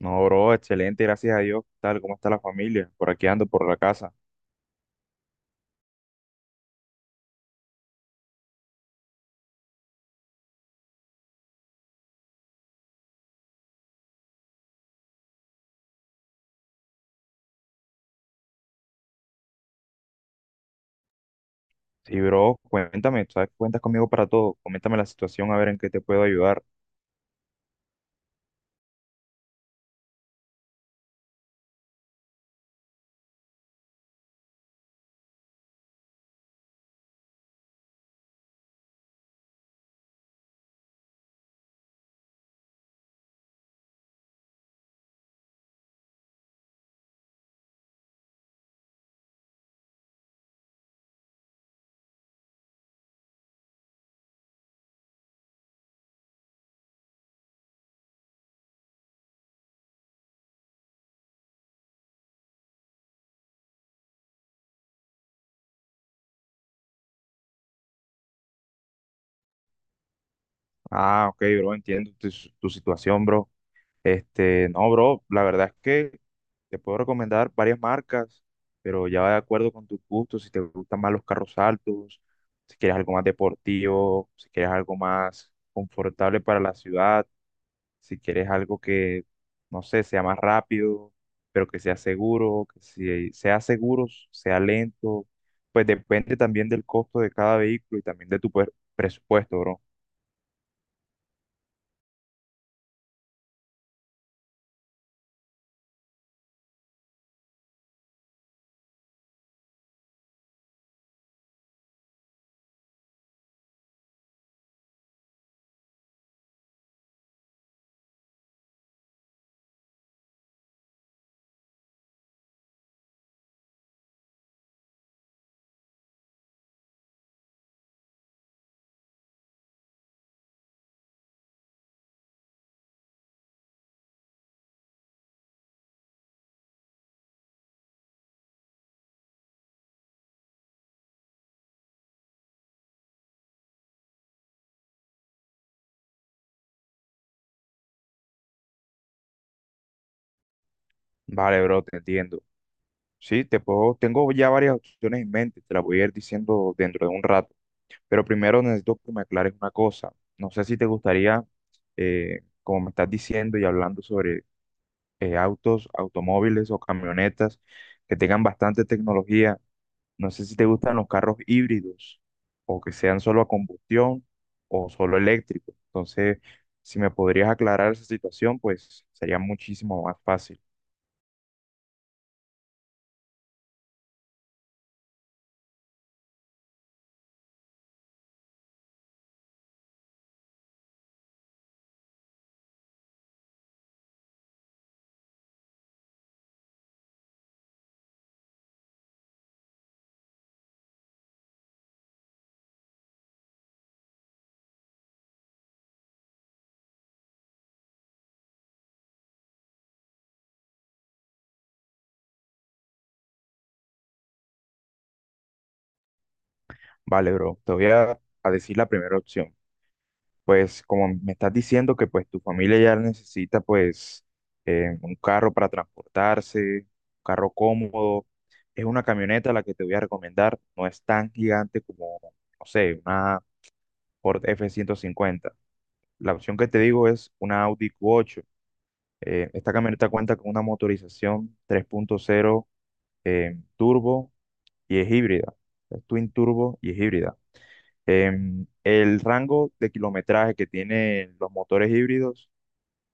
No, bro, excelente, gracias a Dios. ¿Qué tal? ¿Cómo está la familia? Por aquí ando, por la casa. Sí, bro, cuéntame, tú sabes que cuentas conmigo para todo. Coméntame la situación, a ver en qué te puedo ayudar. Ah, ok, bro, entiendo tu situación, bro. Este, no, bro, la verdad es que te puedo recomendar varias marcas, pero ya va de acuerdo con tus gustos, si te gustan más los carros altos, si quieres algo más deportivo, si quieres algo más confortable para la ciudad. Si quieres algo que, no sé, sea más rápido, pero que sea seguro, que si sea seguro, sea lento, pues depende también del costo de cada vehículo y también de presupuesto, bro. Vale, bro, te entiendo. Sí, te puedo, tengo ya varias opciones en mente, te las voy a ir diciendo dentro de un rato, pero primero necesito que me aclares una cosa. No sé si te gustaría, como me estás diciendo y hablando sobre autos, automóviles o camionetas que tengan bastante tecnología. No sé si te gustan los carros híbridos o que sean solo a combustión o solo eléctricos. Entonces, si me podrías aclarar esa situación, pues sería muchísimo más fácil. Vale, bro, te voy a decir la primera opción. Pues como me estás diciendo que pues tu familia ya necesita pues un carro para transportarse, un carro cómodo, es una camioneta la que te voy a recomendar. No es tan gigante como, no sé, una Ford F-150. La opción que te digo es una Audi Q8. Esta camioneta cuenta con una motorización 3.0, turbo y es híbrida. Es twin turbo y es híbrida. El rango de kilometraje que tienen los motores híbridos,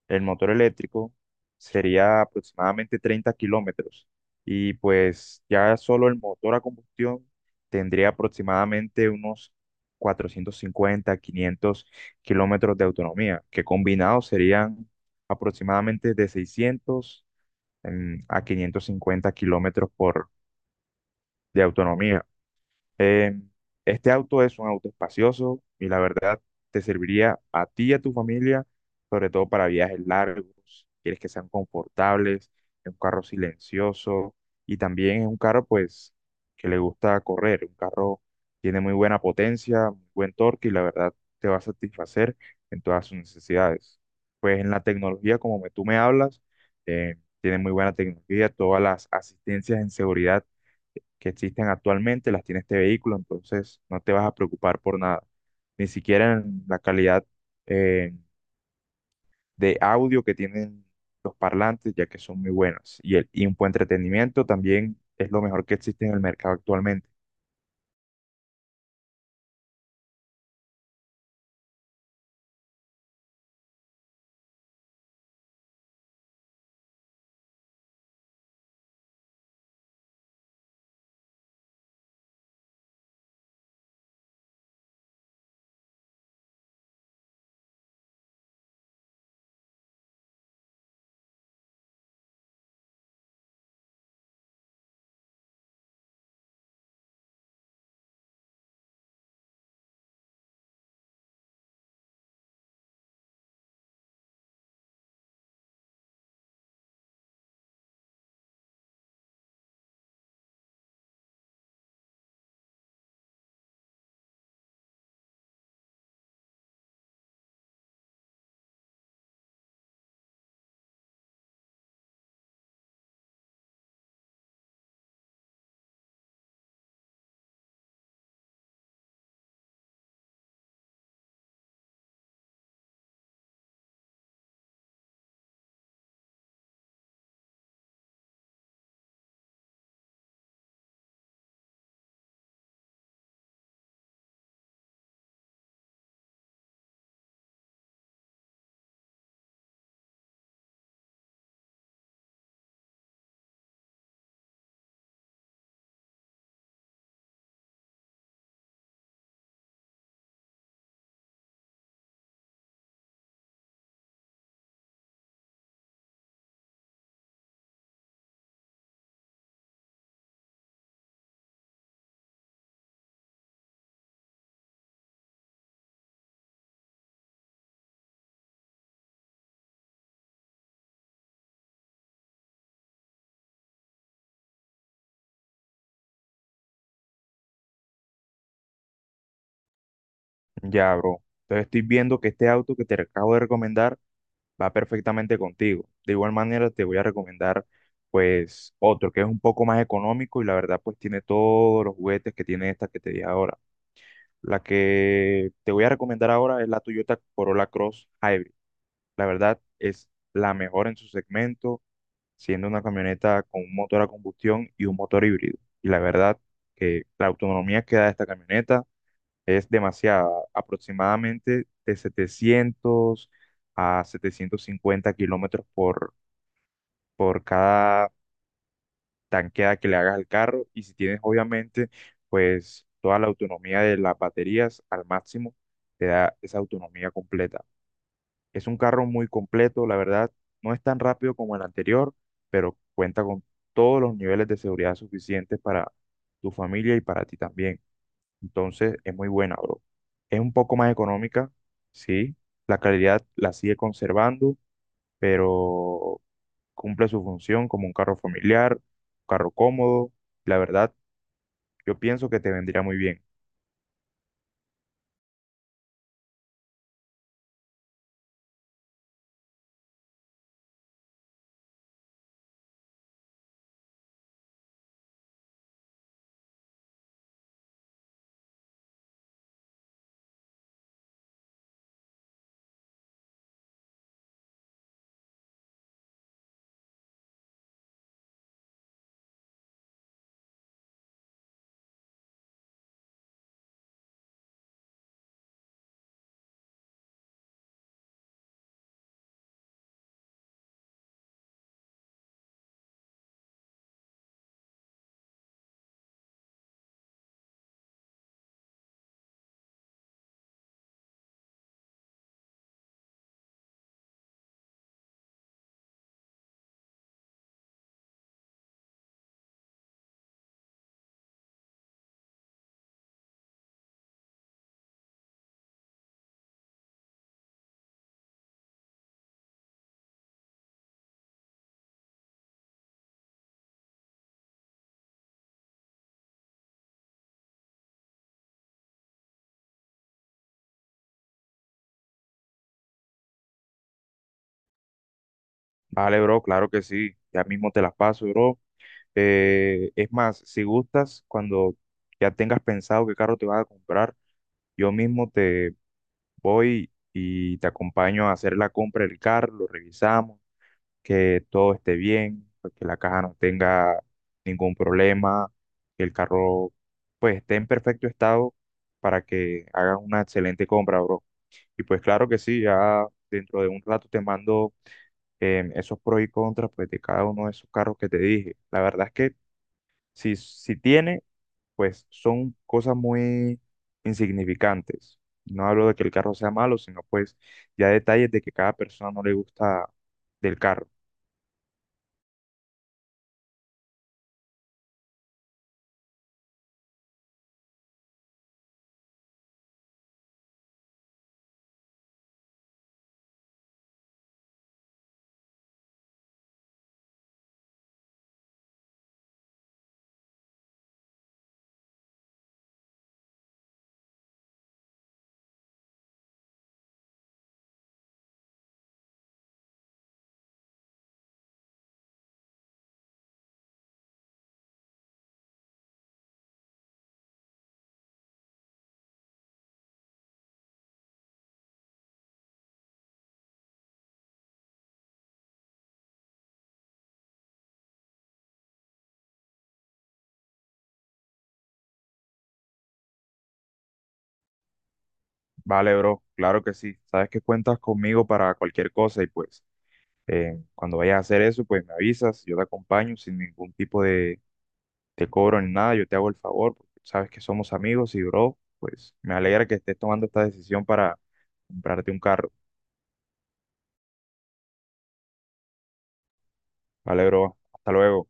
el motor eléctrico, sería aproximadamente 30 kilómetros, y pues ya solo el motor a combustión tendría aproximadamente unos 450, 500 kilómetros de autonomía, que combinados serían aproximadamente de 600 a 550 kilómetros de autonomía. Eh, este auto es un auto espacioso y la verdad te serviría a ti y a tu familia, sobre todo para viajes largos. Quieres que sean confortables, es un carro silencioso y también es un carro pues que le gusta correr. Un carro tiene muy buena potencia, muy buen torque y la verdad te va a satisfacer en todas sus necesidades. Pues en la tecnología, como tú me hablas, tiene muy buena tecnología, todas las asistencias en seguridad que existen actualmente las tiene este vehículo, entonces no te vas a preocupar por nada. Ni siquiera en la calidad eh, de audio que tienen los parlantes, ya que son muy buenas. Y, el, y un buen entretenimiento también es lo mejor que existe en el mercado actualmente. Ya, bro. Entonces estoy viendo que este auto que te acabo de recomendar va perfectamente contigo. De igual manera te voy a recomendar pues otro que es un poco más económico y la verdad pues tiene todos los juguetes que tiene esta que te dije ahora. La que te voy a recomendar ahora es la Toyota Corolla Cross Hybrid. La verdad es la mejor en su segmento, siendo una camioneta con un motor a combustión y un motor híbrido. Y la verdad que la autonomía que da esta camioneta es demasiada, aproximadamente de 700 a 750 kilómetros por cada tanqueada que le hagas al carro, y si tienes obviamente pues toda la autonomía de las baterías al máximo, te da esa autonomía completa. Es un carro muy completo, la verdad, no es tan rápido como el anterior, pero cuenta con todos los niveles de seguridad suficientes para tu familia y para ti también. Entonces es muy buena, bro. Es un poco más económica, sí, la calidad la sigue conservando, pero cumple su función como un carro familiar, un carro cómodo. La verdad, yo pienso que te vendría muy bien. Vale, bro, claro que sí. Ya mismo te las paso, bro. Es más, si gustas, cuando ya tengas pensado qué carro te vas a comprar, yo mismo te voy y te acompaño a hacer la compra del carro, lo revisamos, que todo esté bien, pues, que la caja no tenga ningún problema, que el carro pues esté en perfecto estado para que hagas una excelente compra, bro. Y pues claro que sí, ya dentro de un rato te mando esos pros y contras pues, de cada uno de esos carros que te dije. La verdad es que si tiene, pues son cosas muy insignificantes. No hablo de que el carro sea malo, sino pues ya detalles de que cada persona no le gusta del carro. Vale, bro, claro que sí. Sabes que cuentas conmigo para cualquier cosa y pues cuando vayas a hacer eso, pues me avisas, yo te acompaño sin ningún tipo de te cobro ni nada, yo te hago el favor, porque sabes que somos amigos y bro, pues me alegra que estés tomando esta decisión para comprarte un carro. Vale, bro, hasta luego.